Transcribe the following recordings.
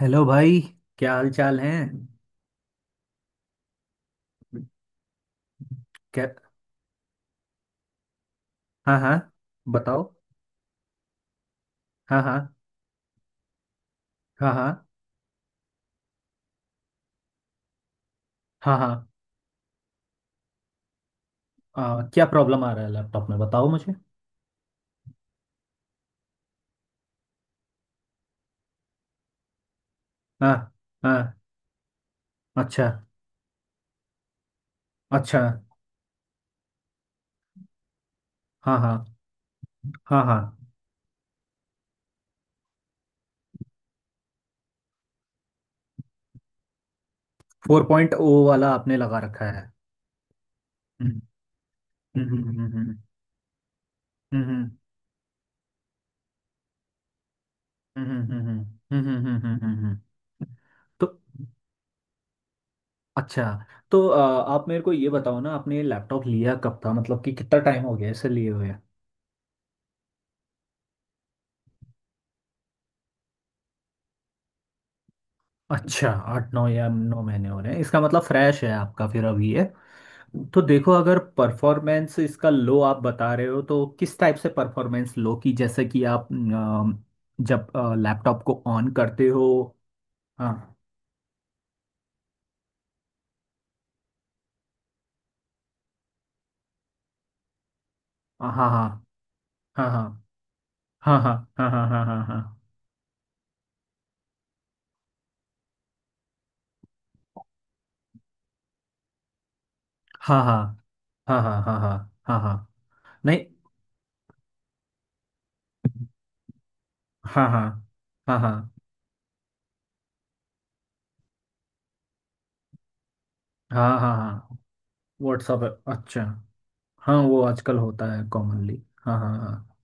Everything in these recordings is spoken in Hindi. हेलो भाई, क्या हाल चाल है? क्या? हाँ हाँ, बताओ। हाँ हाँ, हाँ हाँ, हाँ हाँ, हाँ, क्या प्रॉब्लम आ रहा है लैपटॉप में, बताओ मुझे। हाँ हाँ। अच्छा। अच्छा। हाँ हाँ। हाँ हाँ। फोर पॉइंट ओ वाला आपने लगा रखा है? हम्म हम्म। हम्म हम्म। तो अच्छा, तो आप मेरे को ये बताओ ना, आपने लैपटॉप लिया कब था, मतलब कि कितना टाइम हो गया इसे लिए हुए? अच्छा, आठ नौ या नौ महीने हो रहे हैं, इसका मतलब फ्रेश है आपका फिर। अभी ये तो देखो, अगर परफॉर्मेंस इसका लो आप बता रहे हो तो किस टाइप से परफॉर्मेंस लो की, जैसे कि आप जब लैपटॉप को ऑन करते हो। हाँ हाँ, हाँ हाँ, हाँ हाँ, हाँ हाँ, हाँ हाँ, हाँ हाँ, हाँ हाँ, हाँ हाँ, हाँ हाँ, हाँ हाँ। नहीं। हाँ हाँ, हाँ हाँ, हाँ हाँ, हाँ। व्हाट्सअप। अच्छा। हाँ वो आजकल होता है कॉमनली, हाँ हाँ हाँ।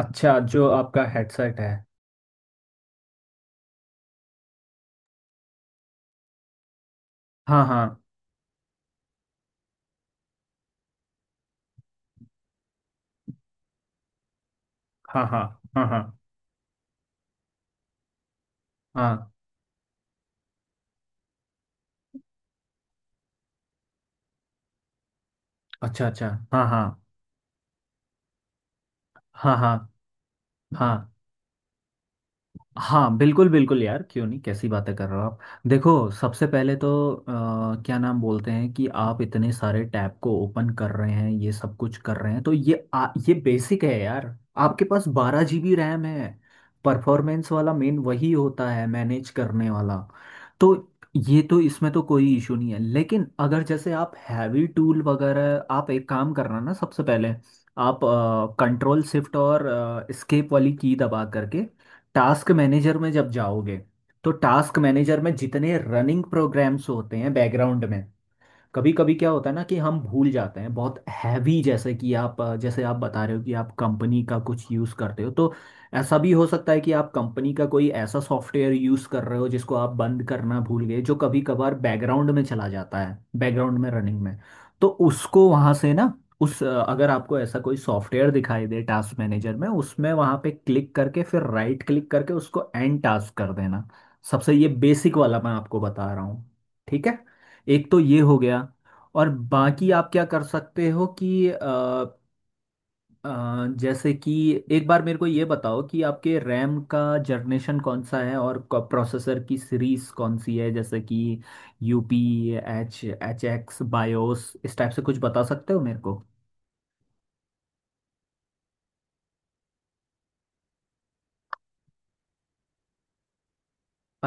अच्छा, जो आपका हेडसेट है। हाँ हाँ, हाँ हाँ, हाँ हाँ, हाँ। अच्छा अच्छा, हाँ हाँ, हाँ हाँ, हाँ हाँ। बिल्कुल बिल्कुल यार, क्यों नहीं, कैसी बातें कर रहे हो आप। देखो, सबसे पहले तो क्या नाम बोलते हैं, कि आप इतने सारे टैब को ओपन कर रहे हैं, ये सब कुछ कर रहे हैं, तो ये ये बेसिक है यार। आपके पास बारह जीबी रैम है। परफॉर्मेंस वाला मेन वही होता है, मैनेज करने वाला। तो ये तो इसमें तो कोई इशू नहीं है, लेकिन अगर जैसे आप हैवी टूल वगैरह, आप एक काम करना ना, सबसे पहले आप कंट्रोल शिफ्ट और एस्केप वाली की दबा करके टास्क मैनेजर में जब जाओगे, तो टास्क मैनेजर में जितने रनिंग प्रोग्राम्स होते हैं बैकग्राउंड में, कभी कभी क्या होता है ना कि हम भूल जाते हैं, बहुत हैवी जैसे कि आप जैसे आप बता रहे हो कि आप कंपनी का कुछ यूज़ करते हो, तो ऐसा भी हो सकता है कि आप कंपनी का कोई ऐसा सॉफ्टवेयर यूज़ कर रहे हो जिसको आप बंद करना भूल गए, जो कभी कभार बैकग्राउंड में चला जाता है, बैकग्राउंड में रनिंग में। तो उसको वहाँ से ना, उस अगर आपको ऐसा कोई सॉफ्टवेयर दिखाई दे टास्क मैनेजर में, उसमें वहाँ पे क्लिक करके फिर राइट क्लिक करके उसको एंड टास्क कर देना। सबसे ये बेसिक वाला मैं आपको बता रहा हूँ, ठीक है। एक तो ये हो गया। और बाकी आप क्या कर सकते हो कि जैसे कि एक बार मेरे को ये बताओ कि आपके रैम का जनरेशन कौन सा है और प्रोसेसर की सीरीज कौन सी है, जैसे कि UP H H X BIOS, इस टाइप से कुछ बता सकते हो मेरे को।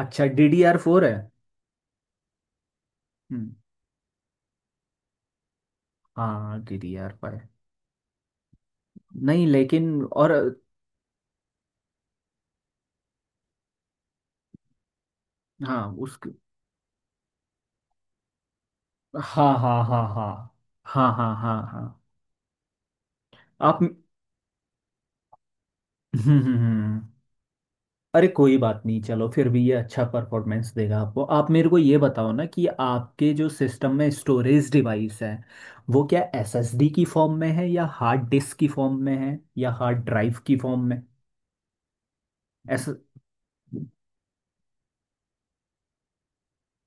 अच्छा, डी डी आर फोर है। हम्म। हाँ डी डी आर फाइव। नहीं लेकिन और। हाँ। उसके। हाँ हाँ, हाँ हाँ, हाँ हाँ, हाँ हाँ। आप। हम्म। अरे कोई बात नहीं, चलो फिर भी ये अच्छा परफॉर्मेंस देगा आपको। आप मेरे को ये बताओ ना कि आपके जो सिस्टम में स्टोरेज डिवाइस है, वो क्या एसएसडी की फॉर्म में है या हार्ड डिस्क की फॉर्म में है या हार्ड ड्राइव की फॉर्म में? एस।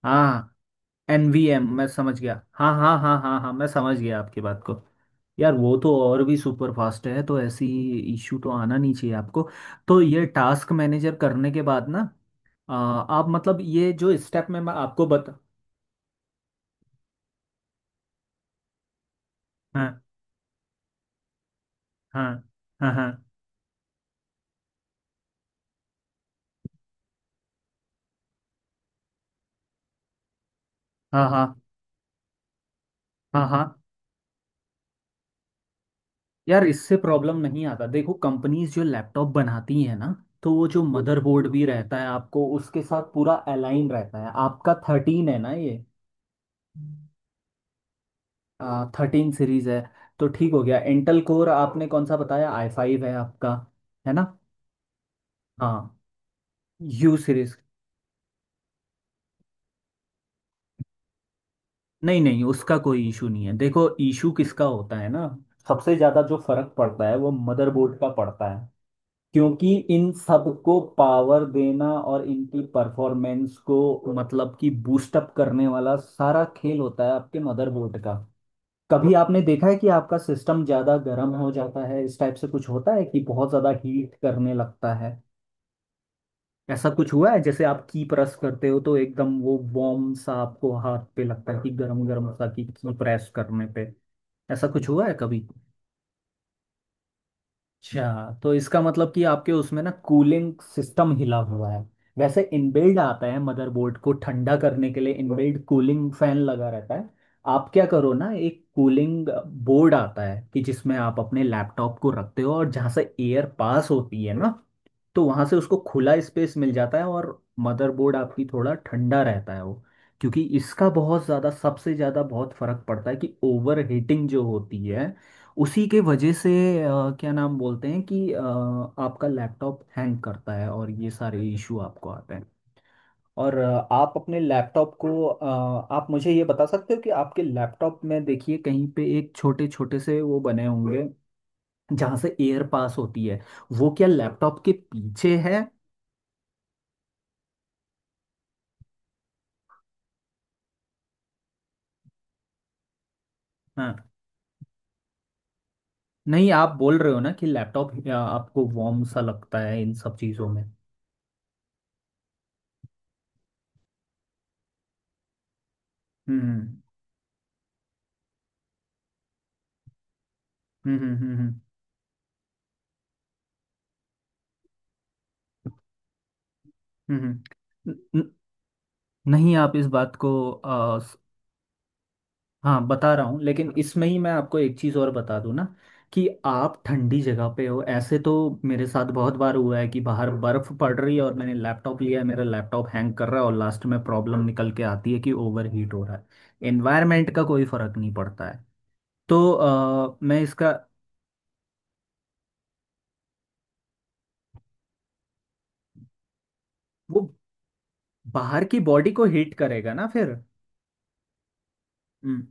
हाँ एनवीएम, मैं समझ गया, हाँ हाँ हाँ हाँ हाँ, मैं समझ गया आपकी बात को। यार वो तो और भी सुपर फास्ट है, तो ऐसी इश्यू तो आना नहीं चाहिए आपको। तो ये टास्क मैनेजर करने के बाद ना आप मतलब ये जो स्टेप में मैं आपको बता। हाँ, हाँ हाँ, हाँ हाँ, हाँ हाँ, हाँ। यार इससे प्रॉब्लम नहीं आता, देखो कंपनीज जो लैपटॉप बनाती है ना, तो वो जो मदरबोर्ड भी रहता है आपको उसके साथ पूरा अलाइन रहता है, आपका थर्टीन है ना ये, थर्टीन सीरीज है, तो ठीक हो गया। इंटेल कोर आपने कौन सा बताया, आई फाइव है आपका, है ना? हाँ, यू सीरीज। नहीं नहीं, उसका कोई इशू नहीं है, देखो इशू किसका होता है ना, सबसे ज़्यादा जो फर्क पड़ता है वो मदरबोर्ड का पड़ता है, क्योंकि इन सबको पावर देना और इनकी परफॉर्मेंस को मतलब कि बूस्टअप करने वाला सारा खेल होता है आपके मदरबोर्ड का। कभी आपने देखा है कि आपका सिस्टम ज्यादा गर्म हो जाता है, इस टाइप से कुछ होता है कि बहुत ज्यादा हीट करने लगता है? ऐसा कुछ हुआ है जैसे आप की प्रेस करते हो तो एकदम वो वार्म सा आपको हाथ पे लगता है कि गर्म गर्म सा, की प्रेस करने पे? ऐसा कुछ हुआ है कभी? अच्छा, तो इसका मतलब कि आपके उसमें ना कूलिंग सिस्टम हिला हुआ है, वैसे इनबिल्ड आता है, मदरबोर्ड को ठंडा करने के लिए इनबिल्ड कूलिंग फैन लगा रहता है। आप क्या करो ना, एक कूलिंग बोर्ड आता है, कि जिसमें आप अपने लैपटॉप को रखते हो और जहाँ से एयर पास होती है ना, तो वहां से उसको खुला स्पेस मिल जाता है और मदरबोर्ड आपकी थोड़ा ठंडा रहता है वो। क्योंकि इसका बहुत ज़्यादा सबसे ज़्यादा बहुत फर्क पड़ता है कि ओवर हीटिंग जो होती है उसी के वजह से। अ, क्या नाम बोलते हैं कि आपका लैपटॉप हैंग करता है और ये सारे इशू आपको आते हैं, और आप अपने लैपटॉप को आप मुझे ये बता सकते हो कि आपके लैपटॉप में देखिए कहीं पे एक छोटे छोटे से वो बने होंगे जहाँ से एयर पास होती है, वो क्या लैपटॉप के पीछे है? हाँ। नहीं आप बोल रहे हो ना कि लैपटॉप आपको वार्म सा लगता है इन सब चीज़ों में। हम्म हम्म हम्म हम्म हम्म, हम्म। न- न- नहीं आप इस बात को हाँ बता रहा हूँ, लेकिन इसमें ही मैं आपको एक चीज़ और बता दूँ ना कि आप ठंडी जगह पे हो ऐसे, तो मेरे साथ बहुत बार हुआ है कि बाहर बर्फ़ पड़ रही है और मैंने लैपटॉप लिया है, मेरा लैपटॉप हैंग कर रहा है और लास्ट में प्रॉब्लम निकल के आती है कि ओवर हीट हो रहा है, एनवायरनमेंट का कोई फ़र्क नहीं पड़ता है। तो मैं इसका वो, बाहर की बॉडी को हीट करेगा ना फिर। हम्म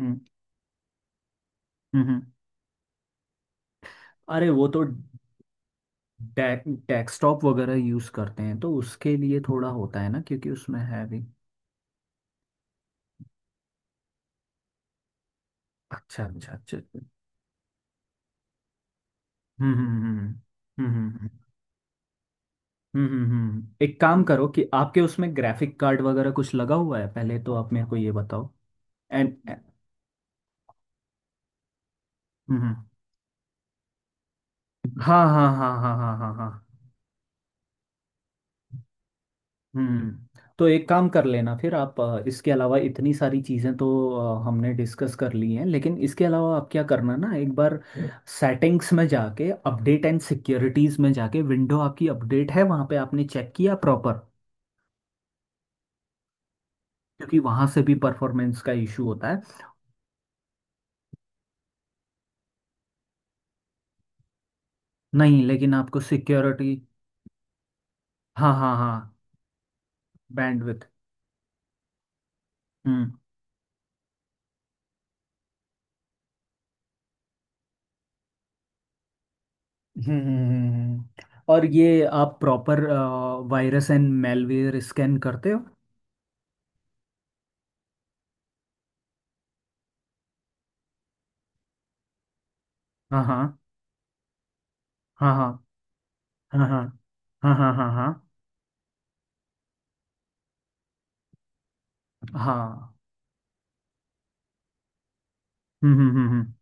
हम्म हम्म। अरे वो तो डे, डेस्कटॉप वगैरह यूज करते हैं तो उसके लिए थोड़ा होता है ना, क्योंकि उसमें है भी। अच्छा अच्छा अच्छा अच्छा। हम्म हम्म हम्म हम्म हम्म हम्म, हम्म, हम्म। एक काम करो कि आपके उसमें ग्राफिक कार्ड वगैरह कुछ लगा हुआ है पहले, तो आप मेरे को ये बताओ। एंड। हम्म। हाँ हाँ, हाँ हाँ, हाँ हाँ, हाँ। हम्म, तो एक काम कर लेना फिर। आप इसके अलावा इतनी सारी चीज़ें तो हमने डिस्कस कर ली हैं, लेकिन इसके अलावा आप क्या करना ना, एक बार सेटिंग्स में जाके अपडेट एंड सिक्योरिटीज़ में जाके विंडो आपकी अपडेट है वहाँ पे, आपने चेक किया प्रॉपर? क्योंकि वहाँ से भी परफॉर्मेंस का इशू होता है। नहीं लेकिन आपको सिक्योरिटी। हाँ हाँ हाँ। बैंडविथ। हम्म हम्म हम्म, हम्म। और ये आप proper virus and malware scan करते हो? हाँ हाँ, हाँ हाँ, हाँ हाँ, हाँ हाँ, हाँ हाँ, हाँ। हम्म हम्म हम्म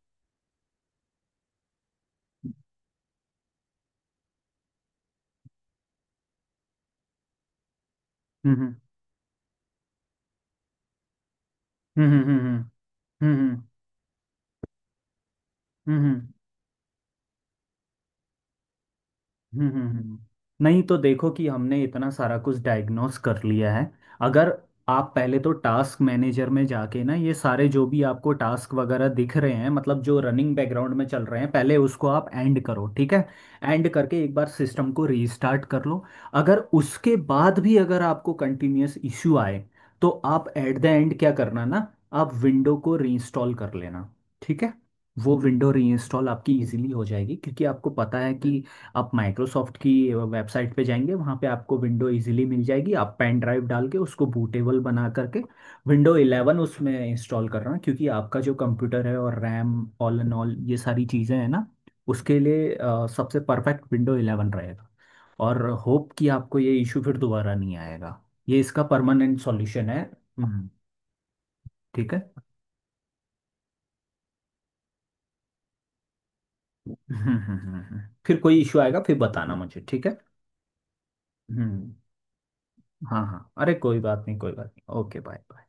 हम्म हम्म हम्म हम्म हम्म हम्म हम्म हम्म हम्म, हम्म, हम्म, हम्म। हम्म हम्म, हम्म। नहीं तो देखो कि हमने इतना सारा कुछ डायग्नोस कर लिया है, अगर आप पहले तो टास्क मैनेजर में जाके ना ये सारे जो भी आपको टास्क वगैरह दिख रहे हैं, मतलब जो रनिंग बैकग्राउंड में चल रहे हैं, पहले उसको आप एंड करो, ठीक है। एंड करके एक बार सिस्टम को रीस्टार्ट कर लो। अगर उसके बाद भी अगर आपको कंटिन्यूअस इश्यू आए, तो आप एट द एंड क्या करना ना, आप विंडो को रीइंस्टॉल कर लेना, ठीक है। वो विंडो रीइंस्टॉल आपकी इजीली हो जाएगी, क्योंकि आपको पता है कि आप माइक्रोसॉफ्ट की वेबसाइट पे जाएंगे, वहाँ पे आपको विंडो इजीली मिल जाएगी, आप पेन ड्राइव डाल के उसको बूटेबल बना करके विंडो 11 उसमें इंस्टॉल कर रहा हूँ, क्योंकि आपका जो कंप्यूटर है और रैम ऑल एंड ऑल ये सारी चीज़ें हैं ना, उसके लिए सबसे परफेक्ट विंडो 11 रहेगा। और होप कि आपको ये इशू फिर दोबारा नहीं आएगा, ये इसका परमानेंट सॉल्यूशन है। हम्म, ठीक है। हम्म। फिर कोई इशू आएगा फिर बताना मुझे, ठीक है। हम्म। हाँ हाँ, अरे कोई बात नहीं कोई बात नहीं, ओके बाय बाय।